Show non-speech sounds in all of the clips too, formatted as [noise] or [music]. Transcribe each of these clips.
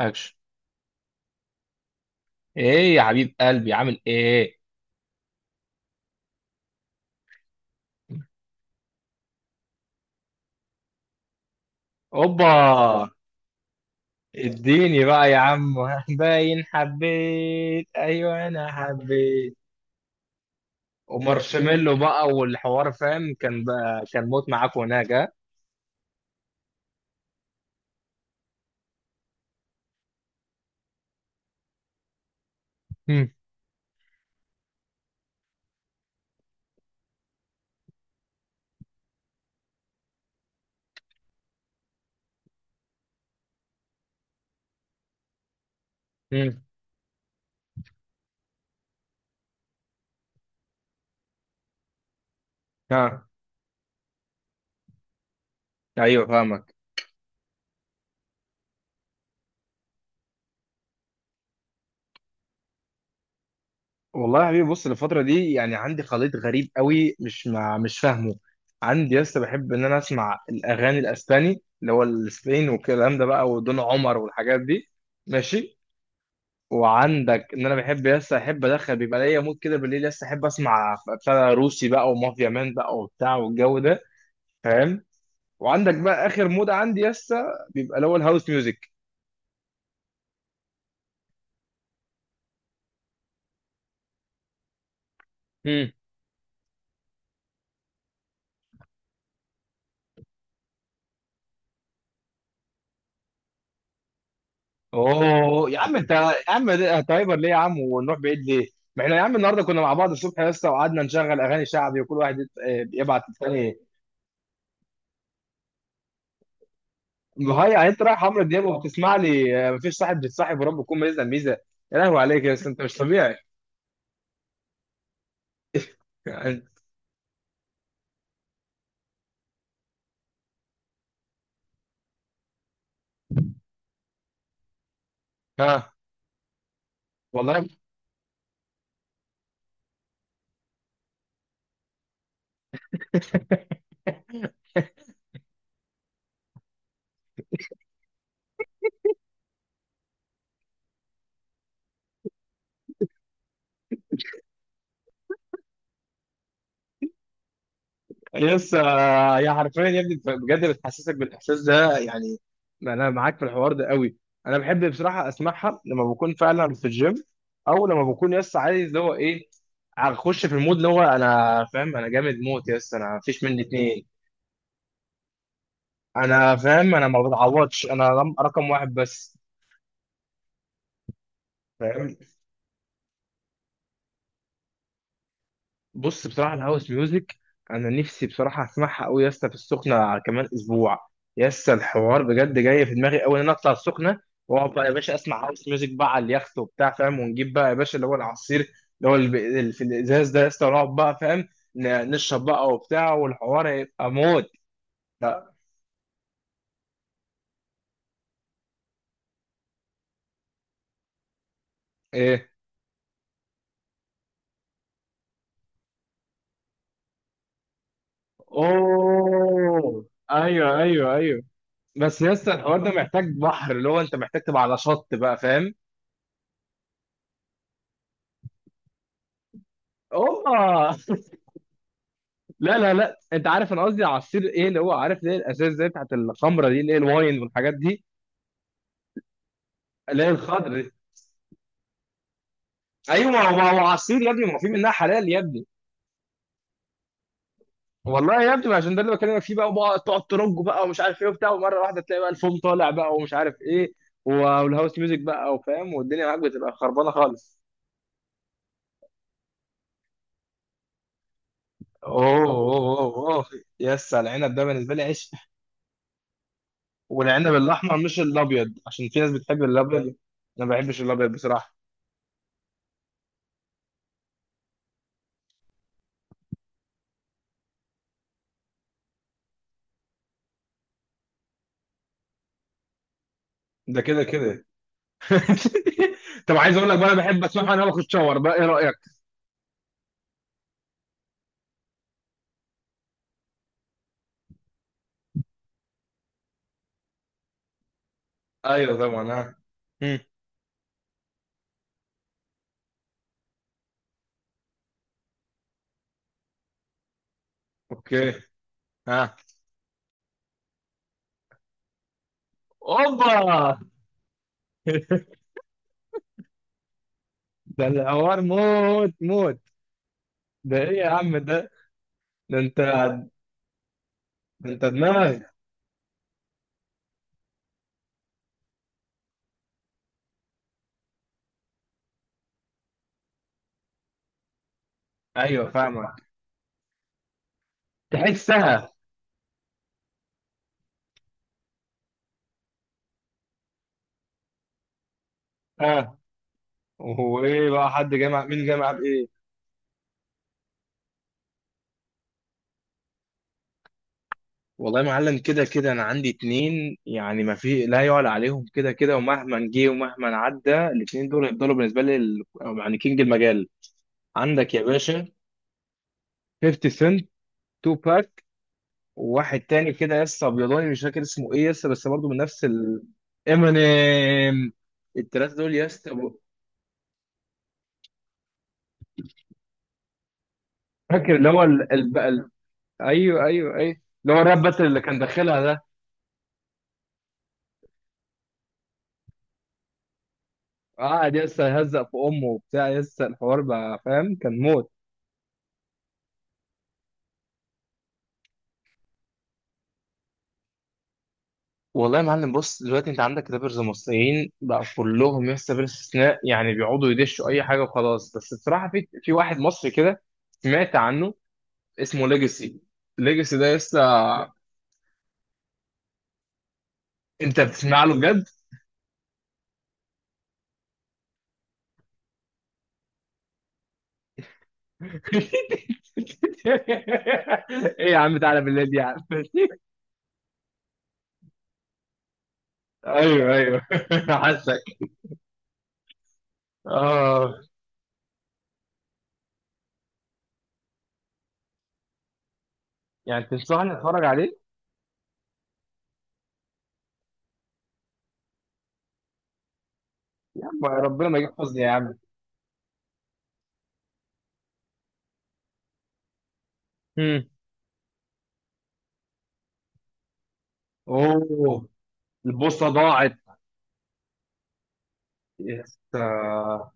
اكشن. ايه يا حبيب قلبي، عامل ايه؟ اوبا آه. اديني بقى يا عم. [laughs] باين حبيت، ايوه انا حبيت. ومارشميلو بقى والحوار فاهم كان بقى كان موت معاك هناك. ها. هم، هم. ها، ايوه فاهمك. والله يا حبيبي بص الفترة دي يعني عندي خليط غريب قوي مش فاهمه. عندي لسه بحب ان انا اسمع الاغاني الاسباني اللي هو الاسباني والكلام ده بقى ودون عمر والحاجات دي. ماشي. وعندك ان انا بحب لسه احب ادخل بيبقى ليا مود كده بالليل لسه احب اسمع بتاع روسي بقى ومافيا مان بقى وبتاع والجو ده. فاهم. وعندك بقى اخر مود عندي لسه بيبقى اللي هو الهاوس ميوزك. مم. اوه يا عم انت يا عم ده تايمر ليه يا عم ونروح بعيد ليه؟ ما احنا يا عم النهارده كنا مع بعض الصبح لسه وقعدنا نشغل اغاني شعبي وكل واحد يبعت الثاني. هاي يعني انت رايح عمرو دياب وبتسمع لي، مفيش صاحب بيتصاحب ورب يكون ميزه ميزه. يا لهوي عليك يا اسطى انت مش طبيعي. [laughs] يعني. ها. والله يس، يا حرفيا يا ابني بجد بتحسسك بالاحساس ده يعني. انا معاك في الحوار ده قوي. انا بحب بصراحه اسمعها لما بكون فعلا في الجيم، او لما بكون يس عايز اللي هو ايه. اخش في المود اللي هو انا فاهم انا جامد موت يس انا مفيش مني اتنين. انا فاهم انا ما بتعوضش انا رقم واحد بس. فاهم. بص بصراحة الهاوس ميوزك أنا نفسي بصراحة أسمعها أوي يا اسطى في السخنة على كمان أسبوع. يا اسطى الحوار بجد جاي في دماغي أوي إن أنا أطلع السخنة وأقعد بقى يا باشا أسمع هاوس ميوزك بقى على اليخت وبتاع فاهم، ونجيب بقى يا باشا اللي هو العصير اللي هو اللي في الإزاز ده يا اسطى ونقعد بقى فاهم نشرب بقى وبتاع والحوار هيبقى موت. لا. إيه. أوه، أيوه أيوه أيوه. بس يا اسطى الحوار ده محتاج بحر اللي هو أنت محتاج تبقى على شط بقى فاهم. أوبا. [laughs] لا لا لا انت عارف انا قصدي على السير ايه اللي هو عارف ليه الاساس زي بتاعت الخمره دي اللي هي الواين والحاجات دي اللي هي الخضر دي. ايوه ما هو ما هو عصير يا ابني ما هو في منها حلال يا ابني. والله يا ابني ما عشان ده اللي بكلمك فيه بقى وبقى تقعد ترج بقى ومش عارف ايه وبتاع ومره واحده تلاقي بقى الفوم طالع بقى ومش عارف ايه و- والهاوس ميوزك بقى وفاهم والدنيا معاك بتبقى خربانه خالص. اوه اوه اوه اوه. يس على العنب ده بالنسبه لي عشق. والعنب الاحمر مش الابيض عشان في ناس بتحب الابيض. انا ما بحبش الابيض بصراحه. ده كده كده. [laughs] طب عايز اقول لك بقى انا بحب اسمعها وانا باخد شاور بقى، ايه رايك؟ ايوه طبعا. ها. مم. اوكي. ها. اوبا. [laughs] ده الحوار موت موت. ده ايه يا عم ده؟ ده انت. ده انت دماغ. ايوه فاهمك. تحسها. اه. وايه بقى حد جامع مين جامع بايه؟ والله يا معلم كده كده انا عندي اتنين يعني ما في لا يعلى عليهم كده كده ومهما جه ومهما عدى الاتنين دول هيفضلوا بالنسبه لي ال-، يعني كينج المجال. عندك يا باشا 50 سنت، تو باك. وواحد تاني كده يس ابيضاني مش فاكر اسمه ايه يس بس برضه من نفس ال-، امينيم. التلاته دول يس فاكر اللي هو ايوه ايوه ايوه اللي هو الراب باتل اللي كان داخلها ده. قعد يس يهزق في امه وبتاع يس الحوار بقى فاهم كان موت. والله يا معلم بص دلوقتي انت عندك رابرز مصريين بقى كلهم يس بلا استثناء يعني بيقعدوا يدشوا اي حاجه وخلاص، بس بصراحه في واحد مصري كده سمعت عنه اسمه ليجاسي. ليجاسي ده لسه. انت بتسمع له بجد؟ [laughs] ايه يا عم تعالى بالليل دي يا عم؟ [laughs] ايوه ايوه. [laughs] حاسك. اه. يعني تنصحني اتفرج عليه؟ يا عم ربنا ما يجيب حظي يا عم. مم. اوه. البوصه ضاعت. يسا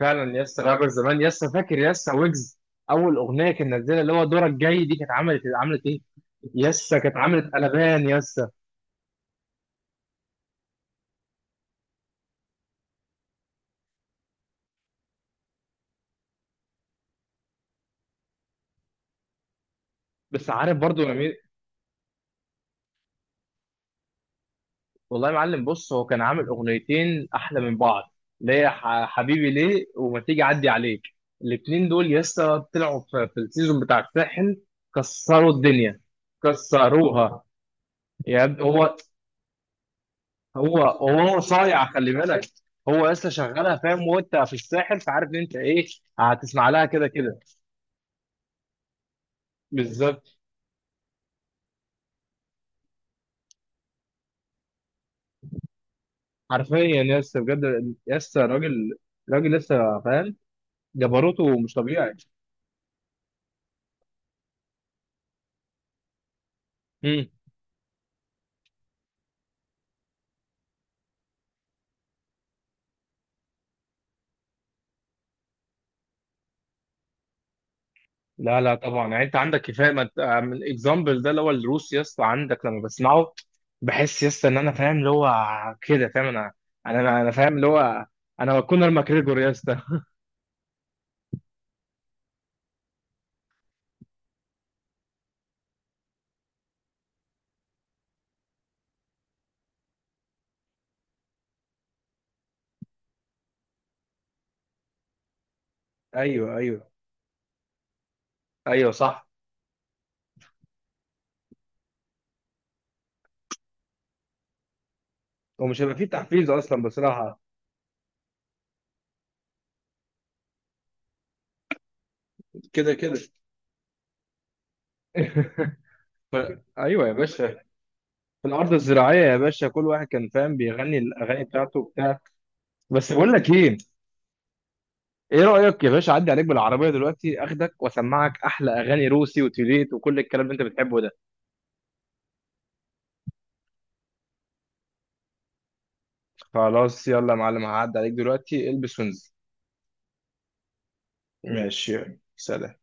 فعلا، يسا رابر زمان، يسا فاكر يسا ويجز. اول اغنيه كان نزلها اللي هو دورك جاي دي كانت عملت عملت ايه. يسا كانت عملت قلبان يسا. بس عارف برضو. والله يا معلم بص هو كان عامل اغنيتين احلى من بعض اللي هي حبيبي ليه، وما تيجي اعدي عليك. الاتنين دول لسه طلعوا في السيزون بتاع الساحل. كسروا الدنيا. كسروها. يا ابني هو صايع خلي بالك. هو لسه شغالها فاهم وانت في الساحل فعارف ان انت ايه، هتسمع لها كده كده. بالظبط. حرفيا يس بجد يس راجل. راجل لسه فاهم. جبروته مش طبيعي. لا لا طبعا يعني انت عندك كفايه ما. الاكزامبل ده اللي هو الروس يا اسطى عندك لما بسمعه بحس يا اسطى ان انا فاهم اللي هو كده فاهم. انا انا انا أنا فاهم اللي هو انا كونر ماكريجور يا اسطى. [laughs] ايوه ايوه. ايوه صح. ومش هيبقى فيه تحفيز اصلا بصراحه. كده كده. [laughs] ف... ايوه يا باشا في الارض الزراعيه يا باشا كل واحد كان فاهم بيغني الاغاني بتاعته وبتاع. بس بقول لك ايه، ايه رايك يا باشا اعدي عليك بالعربيه دلوقتي اخدك واسمعك احلى اغاني روسي وتوليت وكل الكلام اللي انت بتحبه ده؟ خلاص يلا يا معلم هعدي عليك دلوقتي البس وانزل. ماشي سلام.